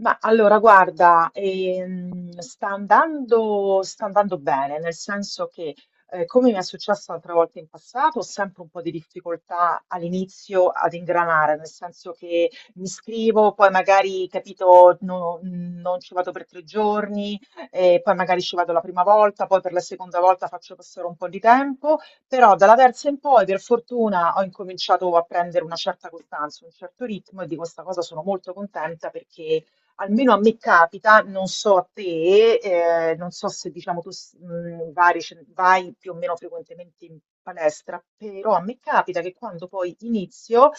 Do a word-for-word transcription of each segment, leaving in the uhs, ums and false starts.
Ma allora, guarda, ehm, sta andando, sta andando bene, nel senso che, eh, come mi è successo altre volte in passato, ho sempre un po' di difficoltà all'inizio ad ingranare, nel senso che mi iscrivo, poi magari, capito, no- non ci vado per tre giorni. Eh, poi magari ci vado la prima volta, poi per la seconda volta faccio passare un po' di tempo, però dalla terza in poi, per fortuna, ho incominciato a prendere una certa costanza, un certo ritmo, e di questa cosa sono molto contenta, perché almeno a me capita, non so a te, eh, non so se diciamo tu s- mh, vari- ce- vai più o meno frequentemente in palestra, però a me capita che quando poi inizio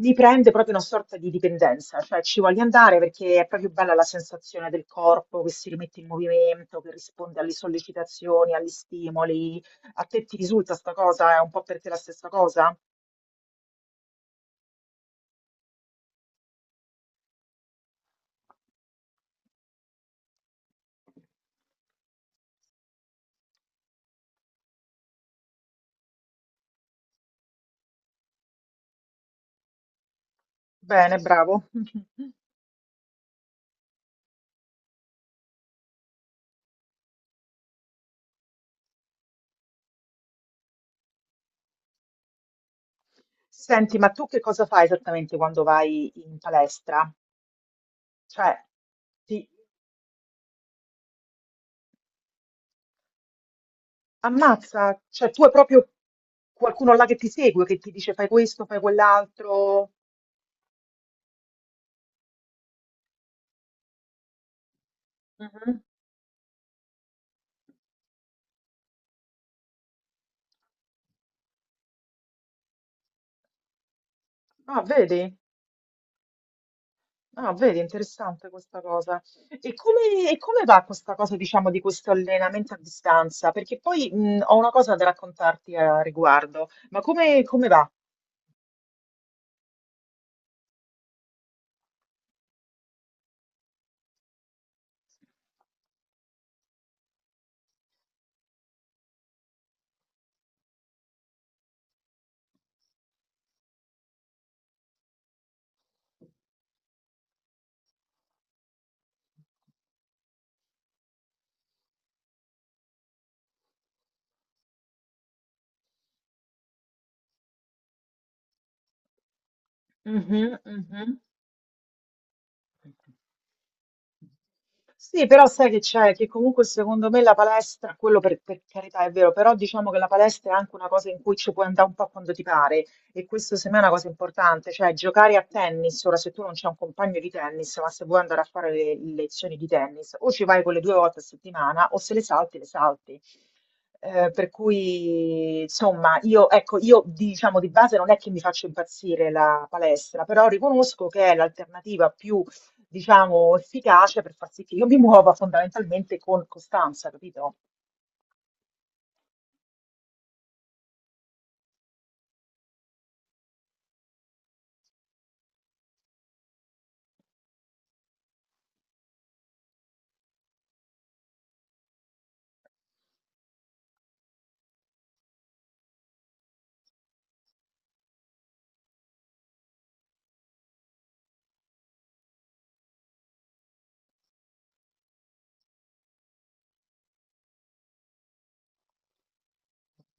mi prende proprio una sorta di dipendenza, cioè ci voglio andare perché è proprio bella la sensazione del corpo che si rimette in movimento, che risponde alle sollecitazioni, agli stimoli. A te ti risulta sta cosa? È un po' per te la stessa cosa? Bene, bravo. Senti, ma tu che cosa fai esattamente quando vai in palestra? Cioè, ti ammazza, cioè tu hai proprio qualcuno là che ti segue, che ti dice fai questo, fai quell'altro. Mhm. Ah, vedi? Ah, vedi, interessante questa cosa. E come, e come va questa cosa, diciamo, di questo allenamento a distanza? Perché poi mh, ho una cosa da raccontarti a riguardo, ma come, come va? Mhm, mhm. Sì, però sai che c'è, che comunque secondo me la palestra, quello per, per carità è vero, però diciamo che la palestra è anche una cosa in cui ci puoi andare un po' quando ti pare, e questo secondo me è una cosa importante. Cioè, giocare a tennis, ora se tu non c'è un compagno di tennis, ma se vuoi andare a fare le, le lezioni di tennis, o ci vai quelle due volte a settimana o se le salti, le salti. Eh, per cui, insomma, io, ecco, io diciamo di base non è che mi faccio impazzire la palestra, però riconosco che è l'alternativa più, diciamo, efficace per far sì che io mi muova fondamentalmente con costanza, capito?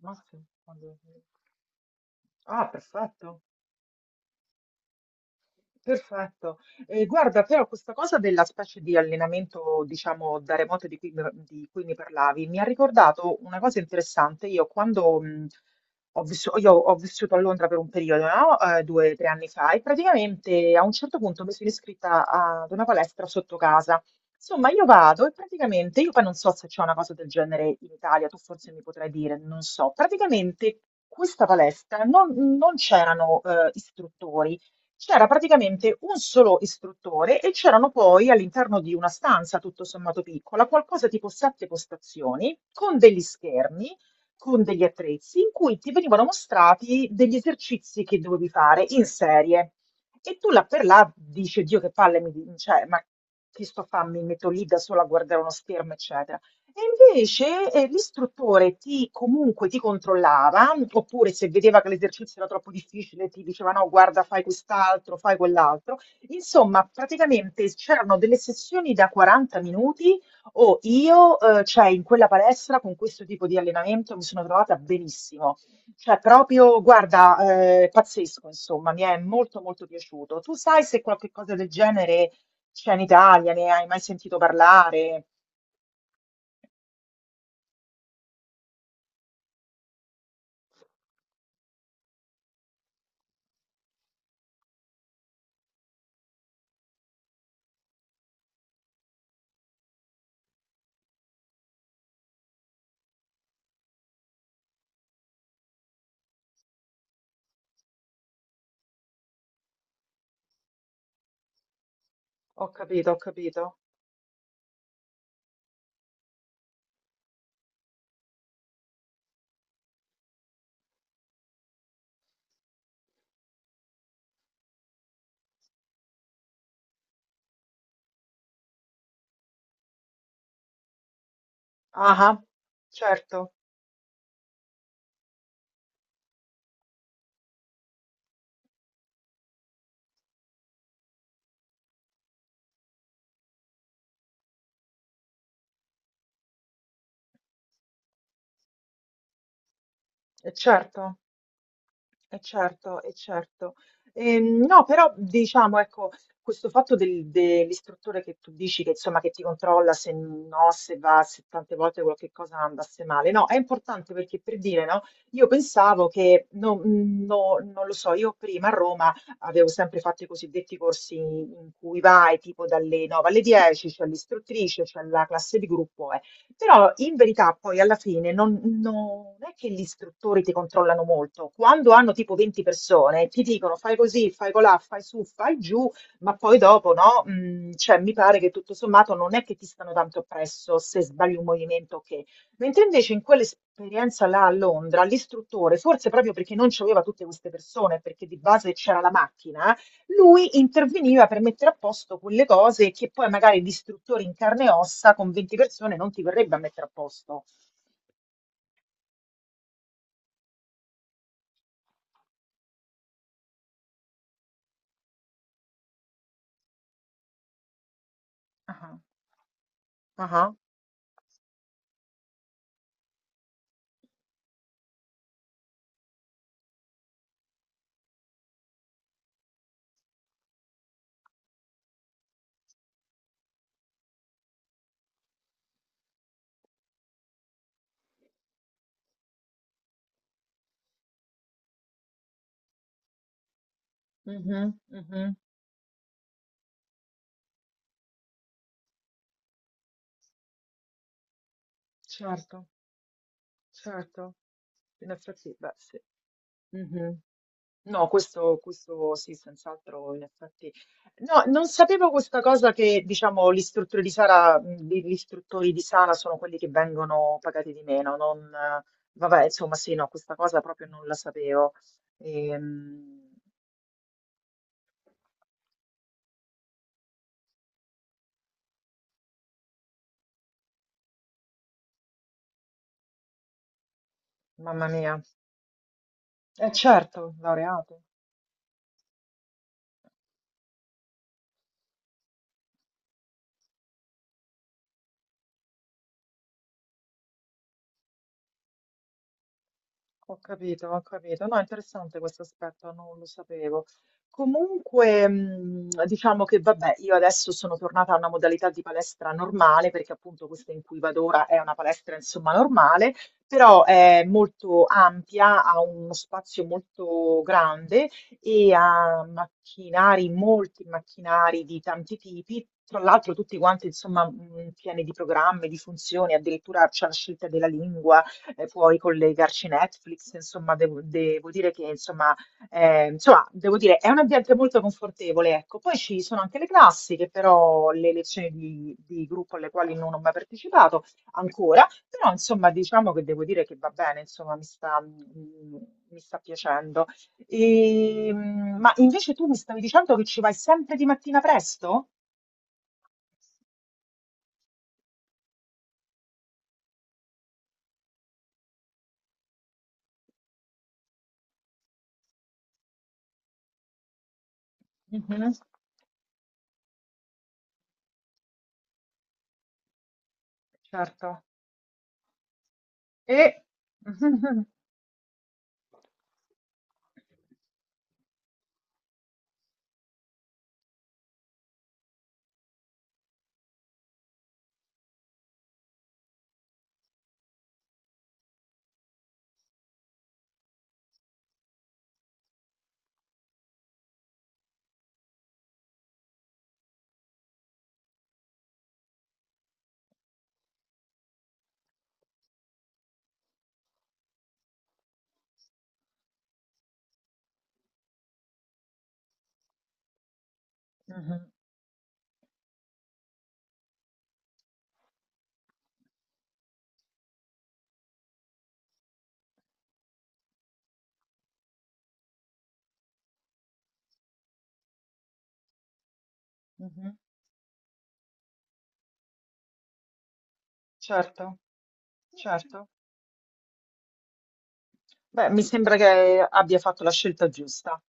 Massimo, quando- Ah, perfetto. Perfetto. Eh, guarda, però questa cosa della specie di allenamento, diciamo, da remoto di cui, mi di cui mi parlavi, mi ha ricordato una cosa interessante. Io quando mh, ho vissu- io ho vissuto a Londra per un periodo, no? Eh, due o tre anni fa, e praticamente a un certo punto mi sono iscritta ad una palestra sotto casa. Insomma, io vado e praticamente, io poi non so se c'è una cosa del genere in Italia, tu forse mi potrai dire, non so. Praticamente questa palestra non, non c'erano eh, istruttori. C'era praticamente un solo istruttore e c'erano poi all'interno di una stanza tutto sommato piccola, qualcosa tipo sette postazioni, con degli schermi, con degli attrezzi, in cui ti venivano mostrati degli esercizi che dovevi fare in serie. E tu là per là dici, Dio che palle, mi, di- cioè, ma che sto a fare? Mi metto lì da sola a guardare uno schermo, eccetera. E invece, eh, l'istruttore ti comunque ti controllava, oppure se vedeva che l'esercizio era troppo difficile, ti diceva no, guarda, fai quest'altro, fai quell'altro. Insomma, praticamente c'erano delle sessioni da 40 minuti o io, eh, cioè, in quella palestra con questo tipo di allenamento mi sono trovata benissimo. Cioè, proprio, guarda, eh, pazzesco, insomma, mi è molto molto piaciuto. Tu sai se qualche cosa del genere c'è in Italia, ne hai mai sentito parlare? Ho capito, ho capito. Ah, ah, certo, e certo, e certo, e certo. Ehm, no, però diciamo, ecco, questo fatto del- dell'istruttore che tu dici che insomma che ti controlla se no, se va, se tante volte qualche cosa andasse male, no, è importante perché per dire, no, io pensavo che, no, no, non lo so, io prima a Roma avevo sempre fatto i cosiddetti corsi in cui vai tipo dalle nove alle dieci, c'è l'istruttrice, c'è la classe di gruppo. Però in verità poi alla fine non, non è che gli istruttori ti controllano molto. Quando hanno tipo venti persone, ti dicono fai così, fai colà, fai su, fai giù, ma poi dopo no? Mm, cioè mi pare che tutto sommato non è che ti stanno tanto oppresso se sbagli un movimento che... Mentre invece in quell'esperienza là a Londra, l'istruttore, forse proprio perché non c'aveva tutte queste persone, perché di base c'era la macchina, lui interveniva per mettere a posto quelle cose che poi magari l'istruttore in carne e ossa con venti persone non ti verrebbe a mettere a posto. Ah, ah, mhm, mhm. Certo, certo. In effetti, beh, sì. Mhm. No, questo, questo sì, senz'altro, in effetti. No, non sapevo questa cosa che, diciamo, gli istruttori di sala, mh, gli gli istruttori di sala sono quelli che vengono pagati di meno. Non, eh, vabbè, insomma, sì, no, questa cosa proprio non la sapevo. Ehm, mamma mia. Eh certo, laureato. Ho capito, ho capito. No, interessante questo aspetto, non lo sapevo. Comunque, mh, diciamo che vabbè, io adesso sono tornata a una modalità di palestra normale, perché appunto questa in cui vado ora è una palestra insomma normale, però è molto ampia, ha uno spazio molto grande e ha macchinari, molti macchinari di tanti tipi. Tra l'altro tutti quanti, insomma, mh, pieni di programmi, di funzioni, addirittura c'è la scelta della lingua, eh, puoi collegarci Netflix, insomma, devo, devo dire che, insomma, eh, insomma, devo dire, è un ambiente molto confortevole, ecco. Poi ci sono anche le classiche, però le lezioni di, di gruppo alle quali non ho mai partecipato ancora, però, insomma, diciamo che devo dire che va bene, insomma, mi sta, mm, mi sta piacendo. E, mm, ma invece tu mi stavi dicendo che ci vai sempre di mattina presto? Mhm. Certo. E... Mhm. Mh-mh. Certo, certo. Beh, mi sembra che abbia fatto la scelta giusta.